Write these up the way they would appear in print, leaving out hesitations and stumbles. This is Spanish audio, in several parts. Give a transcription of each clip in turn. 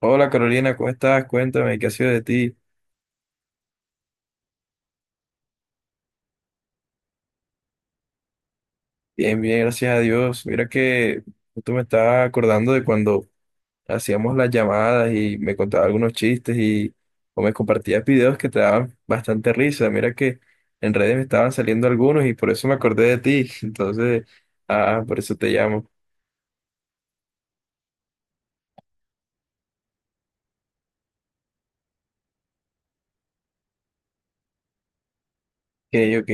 Hola Carolina, ¿cómo estás? Cuéntame, ¿qué ha sido de ti? Bien, bien, gracias a Dios. Mira que tú me estabas acordando de cuando hacíamos las llamadas y me contabas algunos chistes y o me compartías videos que te daban bastante risa. Mira que en redes me estaban saliendo algunos y por eso me acordé de ti. Entonces, por eso te llamo. Ok, ok.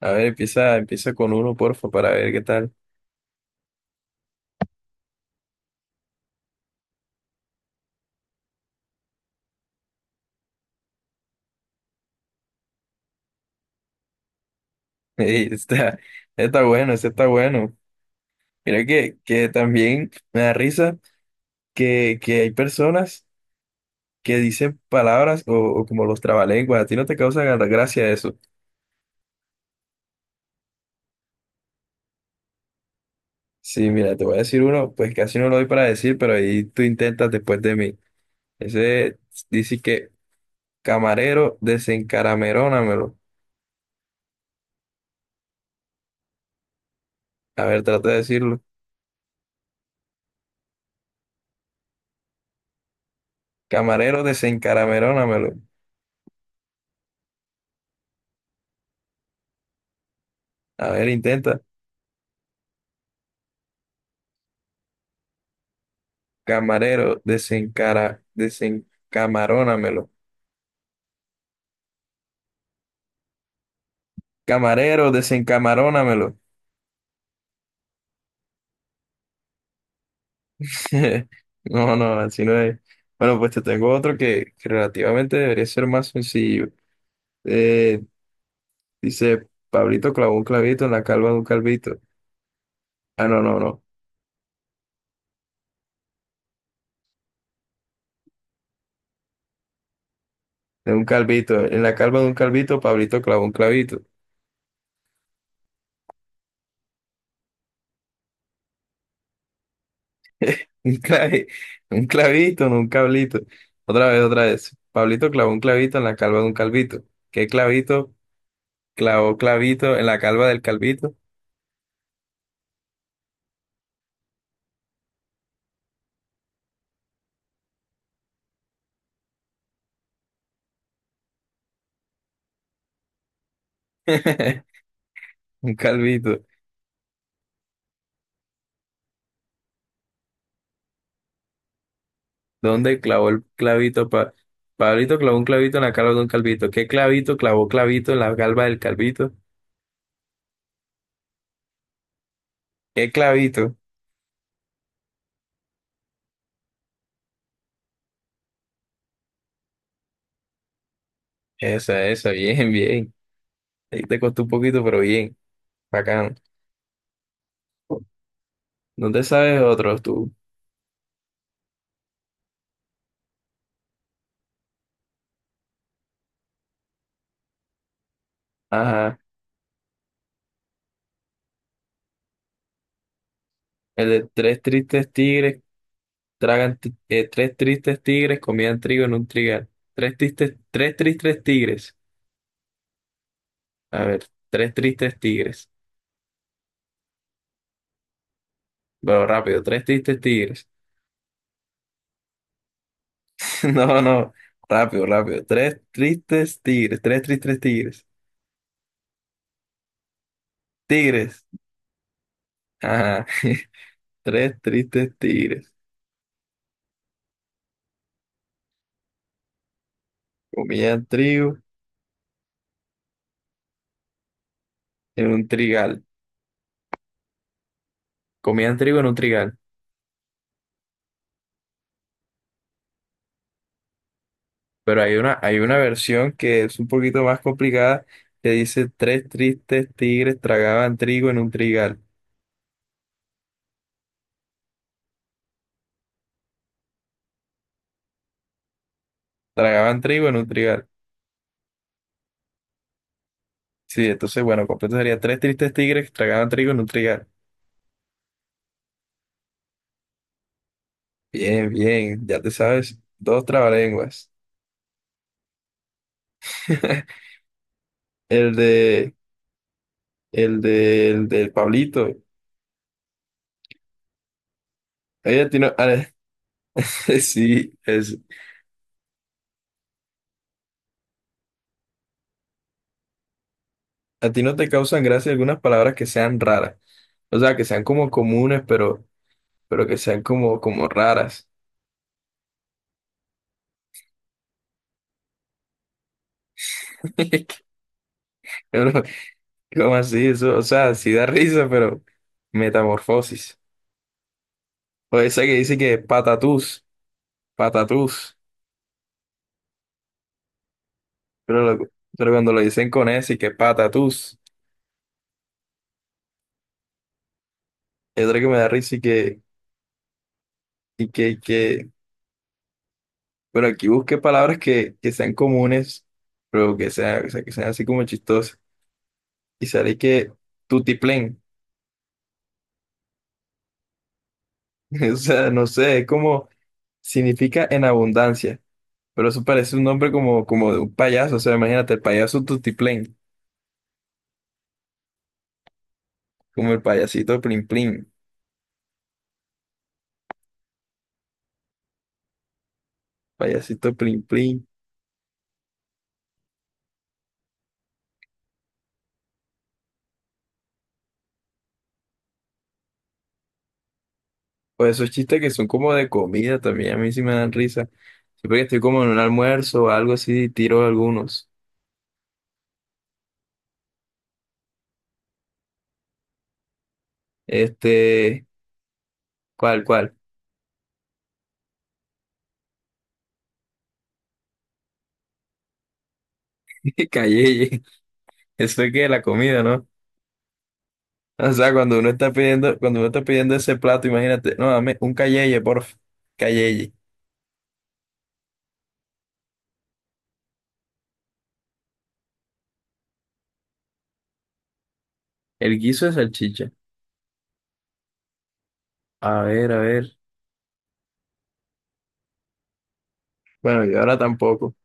A ver, empieza, empieza con uno, porfa, para ver qué tal. Ey, está, está bueno, ese está bueno. Mira que también me da risa que hay personas que dicen palabras o como los trabalenguas, a ti no te causa gracia eso. Sí, mira, te voy a decir uno, pues casi no lo doy para decir, pero ahí tú intentas después de mí. Ese dice que camarero desencaramerónamelo. A ver, trata de decirlo. Camarero desencaramerónamelo. A ver, intenta. Camarero desencamarónamelo. Camarero desencamarónamelo. No, no, así no es. Bueno, pues te tengo otro que relativamente debería ser más sencillo. Eh, dice, Pablito clavó un clavito en la calva de un calvito. Ah, no, no, no. De un calvito. En la calva de un calvito, Pablito clavó un clavito. Un clavi- un clavito, no un cablito. Otra vez, otra vez. Pablito clavó un clavito en la calva de un calvito. ¿Qué clavito? Clavó clavito en la calva del calvito. Un calvito. ¿Dónde clavó el clavito? Pablito clavó un clavito en la calva de un calvito. ¿Qué clavito clavó clavito en la calva del calvito? ¿Qué clavito? Esa, bien, bien. Ahí te costó un poquito, pero bien. Bacán. No te sabes otros tú. Ajá. El de tres tristes tigres tres tristes tigres comían trigo en un trigal. Tres tristes tigres. A ver, tres tristes tigres. Pero rápido, tres tristes tigres. No, no. Rápido, rápido. Tres tristes tigres. Tres tristes tigres. Tigres. Ajá. Tres tristes tigres. Comían trigo en un trigal. Comían trigo en un trigal. Pero hay una versión que es un poquito más complicada que dice tres tristes tigres tragaban trigo en un trigal. Tragaban trigo en un trigal. Sí, entonces, bueno, completo sería tres tristes tigres tragaban trigo en un trigal. Bien, bien. Ya te sabes, dos trabalenguas. El de... El de, el del Pablito. Oye, a ti no, sí, es, a ti no te causan gracia algunas palabras que sean raras. O sea, que sean como comunes, pero que sean como, como raras. Uno, ¿cómo así? Eso, o sea, sí da risa, pero metamorfosis. O esa que dice que patatús, patatús. Pero, lo- pero cuando lo dicen con ese y que patatús, es otra que me da risa y que. Pero aquí busqué palabras que sean comunes, pero que sean, o sea, que sean así como chistosas. Y sale que tutiplén. O sea, no sé, es como significa en abundancia. Pero eso parece un nombre como, como de un payaso. O sea, imagínate, el payaso tutiplén. Como el payasito plin plin. Payasito plin plin. O esos chistes que son como de comida también. A mí sí me dan risa. Siempre que estoy como en un almuerzo o algo así, tiro algunos. Este, ¿cuál, cuál? Calleye. Eso es que la comida, ¿no? O sea, cuando uno está pidiendo, cuando uno está pidiendo ese plato, imagínate, no, dame un calleye, porfa, calleye. El guiso de salchicha. A ver, a ver. Bueno, yo ahora tampoco.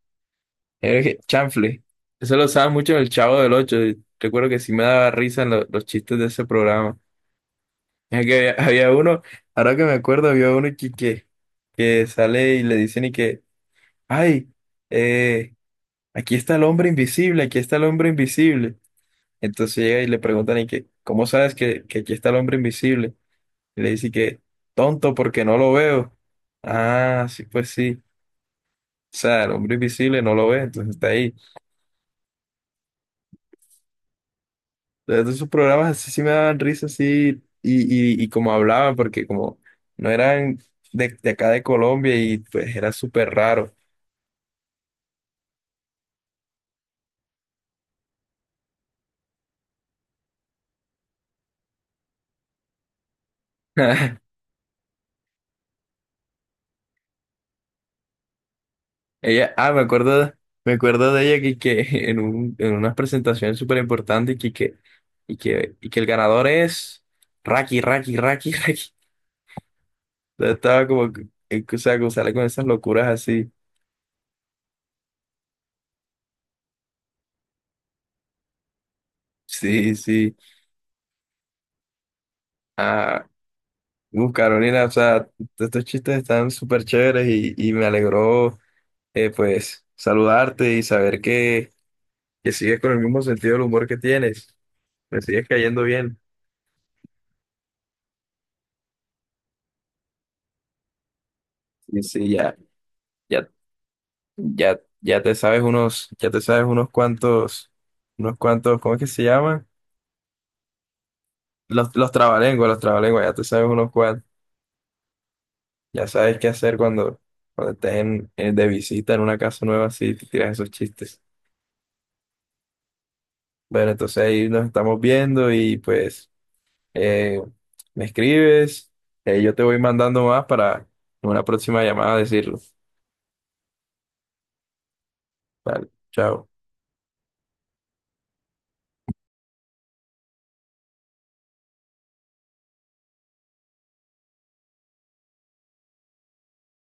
Chanfle. Eso lo usaba mucho en el Chavo del Ocho. Y recuerdo que sí me daba risa en los chistes de ese programa. Es que había, había uno, ahora que me acuerdo, había uno que sale y le dicen y que, ay, eh, aquí está el hombre invisible, aquí está el hombre invisible. Entonces llega y le preguntan, ¿y que ¿cómo sabes que aquí está el hombre invisible? Y le dice que, tonto, porque no lo veo. Ah, sí, pues sí. O sea, el hombre invisible no lo ve, entonces está ahí. Entonces esos programas así sí me daban risa, así, y como hablaban, porque como no eran de acá de Colombia y pues era súper raro. Ella, me acuerdo, me acuerdo de ella que en un, en unas presentaciones súper importantes y que el ganador es Raki, Raki, Raki, Raki. Entonces estaba como, o sea, como sale con esas locuras así. Sí, sí. Ah, Carolina, o sea, estos chistes están súper chéveres y me alegró, pues, saludarte y saber que sigues con el mismo sentido del humor que tienes. Me sigues cayendo bien. Sí, sí, ya. Ya. Ya, ya te sabes unos, ya te sabes unos cuantos, ¿cómo es que se llaman? Los trabalenguas, ya te sabes unos cuantos. Ya sabes qué hacer cuando, cuando estés en, de visita en una casa nueva, así te tiras esos chistes. Bueno, entonces ahí nos estamos viendo y pues eh, me escribes, yo te voy mandando más para en una próxima llamada decirlo. Vale, chao.